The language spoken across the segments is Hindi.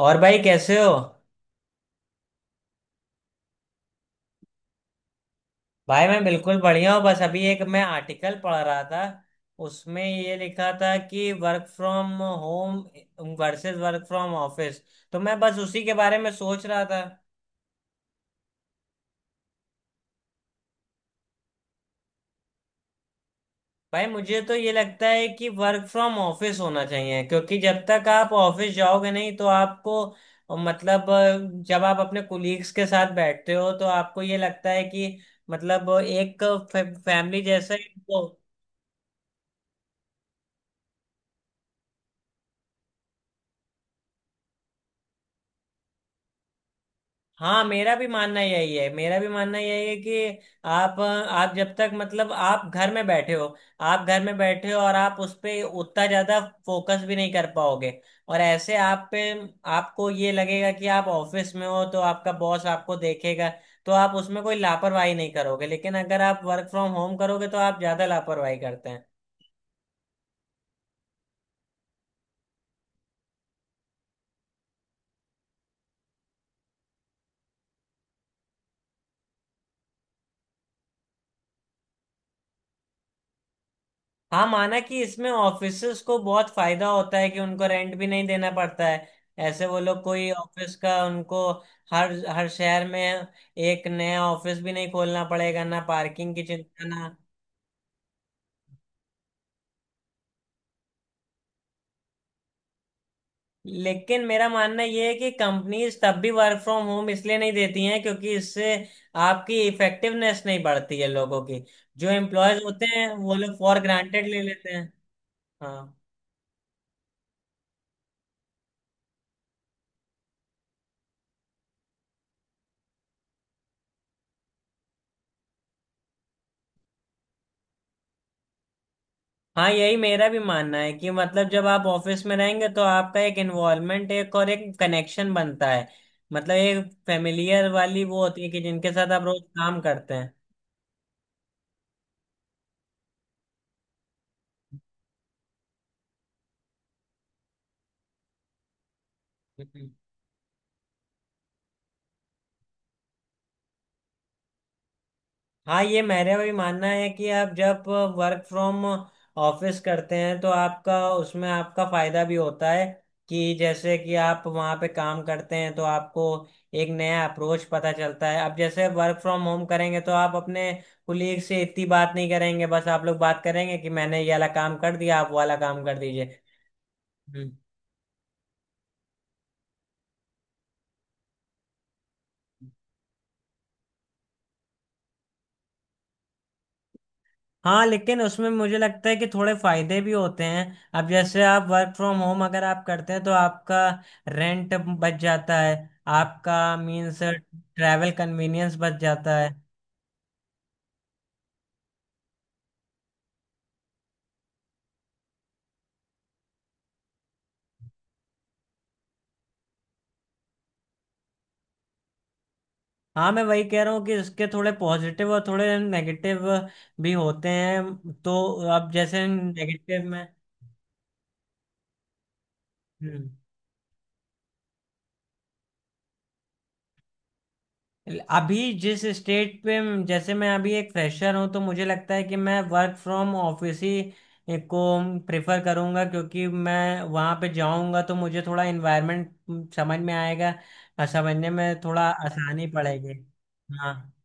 और भाई कैसे हो? भाई मैं बिल्कुल बढ़िया हूँ। बस अभी एक मैं आर्टिकल पढ़ रहा था। उसमें ये लिखा था कि work from home versus work from office. तो मैं बस उसी के बारे में सोच रहा था। भाई मुझे तो ये लगता है कि वर्क फ्रॉम ऑफिस होना चाहिए क्योंकि जब तक आप ऑफिस जाओगे नहीं तो आपको मतलब जब आप अपने कुलीग्स के साथ बैठते हो तो आपको ये लगता है कि मतलब एक फैमिली जैसा ही। हाँ, मेरा भी मानना यही है, मेरा भी मानना यही है कि आप जब तक मतलब आप घर में बैठे हो। आप घर में बैठे हो और आप उस पे उतना ज्यादा फोकस भी नहीं कर पाओगे। और ऐसे आप पे आपको ये लगेगा कि आप ऑफिस में हो तो आपका बॉस आपको देखेगा। तो आप उसमें कोई लापरवाही नहीं करोगे, लेकिन अगर आप वर्क फ्रॉम होम करोगे तो आप ज्यादा लापरवाही करते हैं। हाँ, माना कि इसमें ऑफिसर्स को बहुत फायदा होता है कि उनको रेंट भी नहीं देना पड़ता है। ऐसे वो लोग कोई ऑफिस का उनको हर हर शहर में एक नया ऑफिस भी नहीं खोलना पड़ेगा, ना पार्किंग की चिंता, ना। लेकिन मेरा मानना ये है कि कंपनीज तब भी वर्क फ्रॉम होम इसलिए नहीं देती हैं क्योंकि इससे आपकी इफेक्टिवनेस नहीं बढ़ती है लोगों की। जो एम्प्लॉयज होते हैं वो लोग फॉर ग्रांटेड ले लेते हैं। हाँ। हाँ, यही मेरा भी मानना है कि मतलब जब आप ऑफिस में रहेंगे तो आपका एक इन्वॉल्वमेंट, एक और एक कनेक्शन बनता है। मतलब एक फैमिलियर वाली वो होती है कि जिनके साथ आप रोज काम करते हैं। हाँ, ये मेरा भी मानना है कि आप जब वर्क फ्रॉम ऑफिस करते हैं तो आपका फायदा भी होता है। कि जैसे कि आप वहाँ पे काम करते हैं तो आपको एक नया अप्रोच पता चलता है। अब जैसे वर्क फ्रॉम होम करेंगे तो आप अपने कुलीग से इतनी बात नहीं करेंगे, बस आप लोग बात करेंगे कि मैंने ये वाला काम कर दिया, आप वो वाला काम कर दीजिए। हम्म। हाँ, लेकिन उसमें मुझे लगता है कि थोड़े फायदे भी होते हैं। अब जैसे आप वर्क फ्रॉम होम अगर आप करते हैं तो आपका रेंट बच जाता है। आपका मीन्स ट्रैवल कन्वीनियंस बच जाता है। हाँ, मैं वही कह रहा हूँ कि इसके थोड़े पॉजिटिव और थोड़े नेगेटिव भी होते हैं, तो अब जैसे नेगेटिव में। हम्म। अभी जिस स्टेट पे, जैसे मैं अभी एक फ्रेशर हूँ, तो मुझे लगता है कि मैं वर्क फ्रॉम ऑफिस ही को प्रेफर करूँगा क्योंकि मैं वहाँ पे जाऊँगा तो मुझे थोड़ा इन्वायरमेंट समझ में आएगा और समझने में थोड़ा आसानी पड़ेगी। हाँ।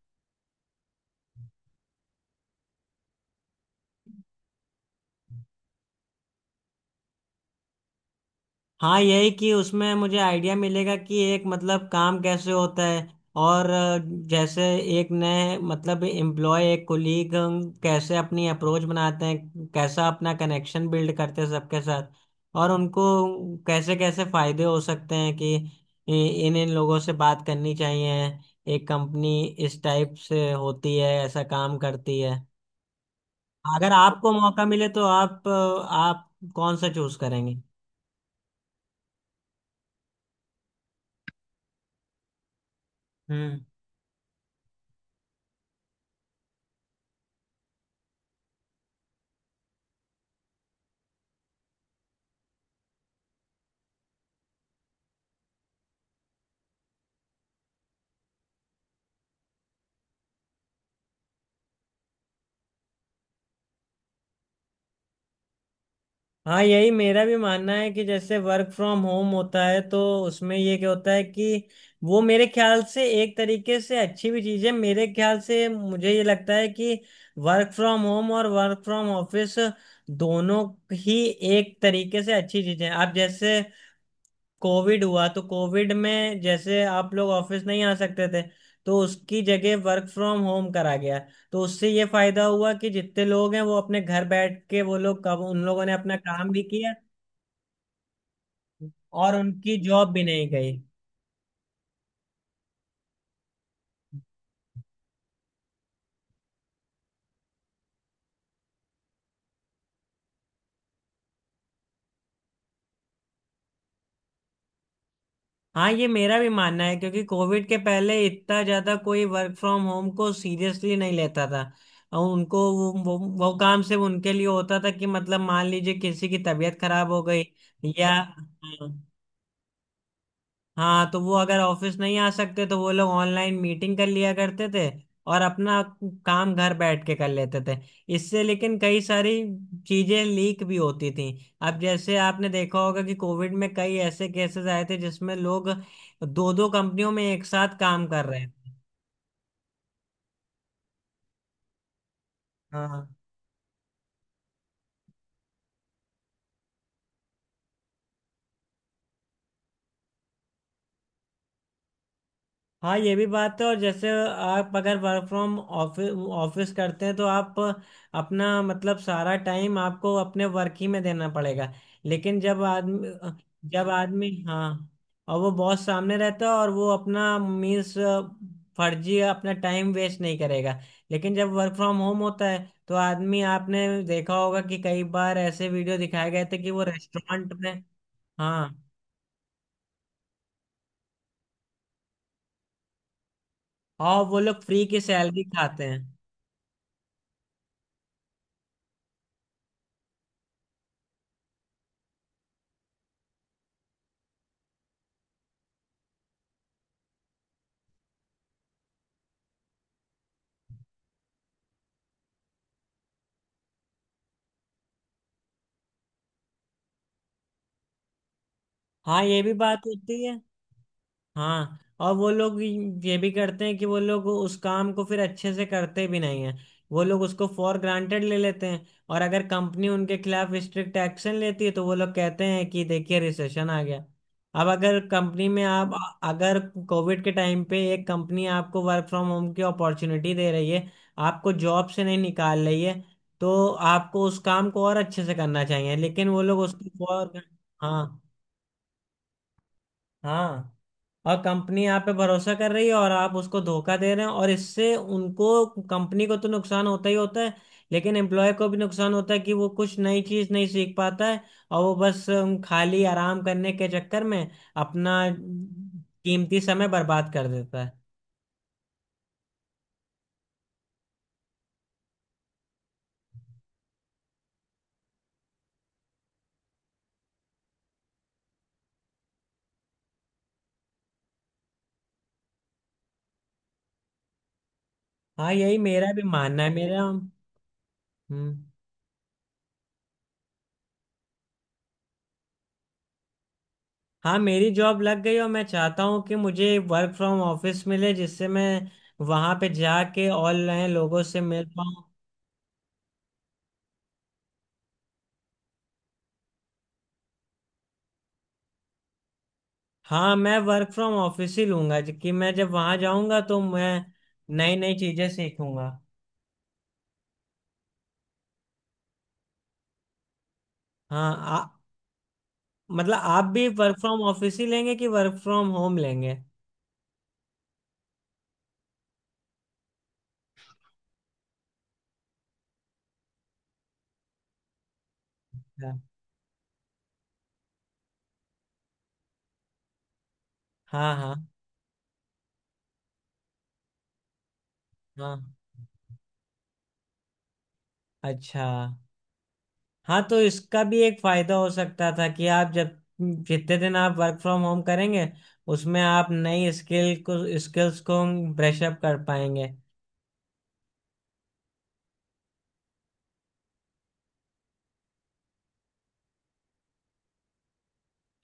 हाँ, यही कि उसमें मुझे आइडिया मिलेगा कि एक मतलब काम कैसे होता है और जैसे एक नए मतलब एम्प्लॉय एक कोलीग कैसे अपनी अप्रोच बनाते हैं, कैसा अपना कनेक्शन बिल्ड करते हैं सबके साथ, और उनको कैसे कैसे फायदे हो सकते हैं कि इ- इन इन लोगों से बात करनी चाहिए। एक कंपनी इस टाइप से होती है, ऐसा काम करती है। अगर आपको मौका मिले तो आप कौन सा चूज करेंगे? हम्म। हाँ, यही मेरा भी मानना है कि जैसे वर्क फ्रॉम होम होता है तो उसमें ये क्या होता है कि वो मेरे ख्याल से एक तरीके से अच्छी भी चीज़ है। मेरे ख्याल से मुझे ये लगता है कि वर्क फ्रॉम होम और वर्क फ्रॉम ऑफिस दोनों ही एक तरीके से अच्छी चीज़ें हैं। आप जैसे कोविड हुआ तो कोविड में जैसे आप लोग ऑफिस नहीं आ सकते थे तो उसकी जगह वर्क फ्रॉम होम करा गया। तो उससे ये फायदा हुआ कि जितने लोग हैं वो अपने घर बैठ के वो लोग कब उन लोगों ने अपना काम भी किया और उनकी जॉब भी नहीं गई। हाँ, ये मेरा भी मानना है क्योंकि कोविड के पहले इतना ज्यादा कोई वर्क फ्रॉम होम को सीरियसली नहीं लेता था। और उनको वो काम सिर्फ उनके लिए होता था कि मतलब मान लीजिए किसी की तबीयत खराब हो गई। या हाँ, हाँ तो वो अगर ऑफिस नहीं आ सकते तो वो लोग ऑनलाइन मीटिंग कर लिया करते थे और अपना काम घर बैठ के कर लेते थे। इससे लेकिन कई सारी चीजें लीक भी होती थी। अब जैसे आपने देखा होगा कि कोविड में कई ऐसे केसेस आए थे जिसमें लोग दो दो कंपनियों में एक साथ काम कर रहे थे। हाँ, हाँ, ये भी बात है और जैसे आप अगर वर्क फ्रॉम ऑफिस ऑफिस करते हैं तो आप अपना मतलब सारा टाइम आपको अपने वर्क ही में देना पड़ेगा। लेकिन जब आदमी, जब आदमी, हाँ, और वो बॉस सामने रहता है और वो अपना मीन्स फर्जी अपना टाइम वेस्ट नहीं करेगा। लेकिन जब वर्क फ्रॉम होम होता है, तो आदमी आपने देखा होगा कि कई बार ऐसे वीडियो दिखाए गए थे कि वो रेस्टोरेंट में। हाँ, और वो लोग फ्री की सैलरी खाते हैं। हाँ, ये भी बात होती है। हाँ, और वो लोग ये भी करते हैं कि वो लोग उस काम को फिर अच्छे से करते भी नहीं है। वो लोग उसको फॉर ग्रांटेड ले लेते हैं। और अगर कंपनी उनके खिलाफ स्ट्रिक्ट एक्शन लेती है तो वो लोग कहते हैं कि देखिए रिसेशन आ गया। अब अगर कंपनी में आप, अगर कोविड के टाइम पे एक कंपनी आपको वर्क फ्रॉम होम की अपॉर्चुनिटी दे रही है, आपको जॉब से नहीं निकाल रही है, तो आपको उस काम को और अच्छे से करना चाहिए लेकिन वो लोग उसको फॉर। हाँ। हाँ, और कंपनी आप पे भरोसा कर रही है और आप उसको धोखा दे रहे हैं और इससे उनको कंपनी को तो नुकसान होता ही होता है। लेकिन एम्प्लॉय को भी नुकसान होता है कि वो कुछ नई चीज नहीं सीख पाता है। और वो बस खाली आराम करने के चक्कर में अपना कीमती समय बर्बाद कर देता है। हाँ, यही मेरा भी मानना है मेरा हम्म। हाँ, मेरी जॉब लग गई और मैं चाहता हूँ कि मुझे वर्क फ्रॉम ऑफिस मिले जिससे मैं वहां पे जाके ऑनलाइन लोगों से मिल पाऊँ। हाँ, मैं वर्क फ्रॉम ऑफिस ही लूंगा कि मैं जब वहां जाऊंगा तो मैं नई नई चीजें सीखूंगा। हाँ मतलब आप भी वर्क फ्रॉम ऑफिस ही लेंगे कि वर्क फ्रॉम होम लेंगे? हाँ, हाँ, हाँ, हाँ, अच्छा। हाँ, तो इसका भी एक फायदा हो सकता था कि आप जब जितने दिन आप वर्क फ्रॉम होम करेंगे, उसमें आप नई स्किल्स को ब्रश अप कर पाएंगे।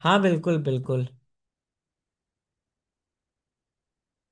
हाँ, बिल्कुल बिल्कुल।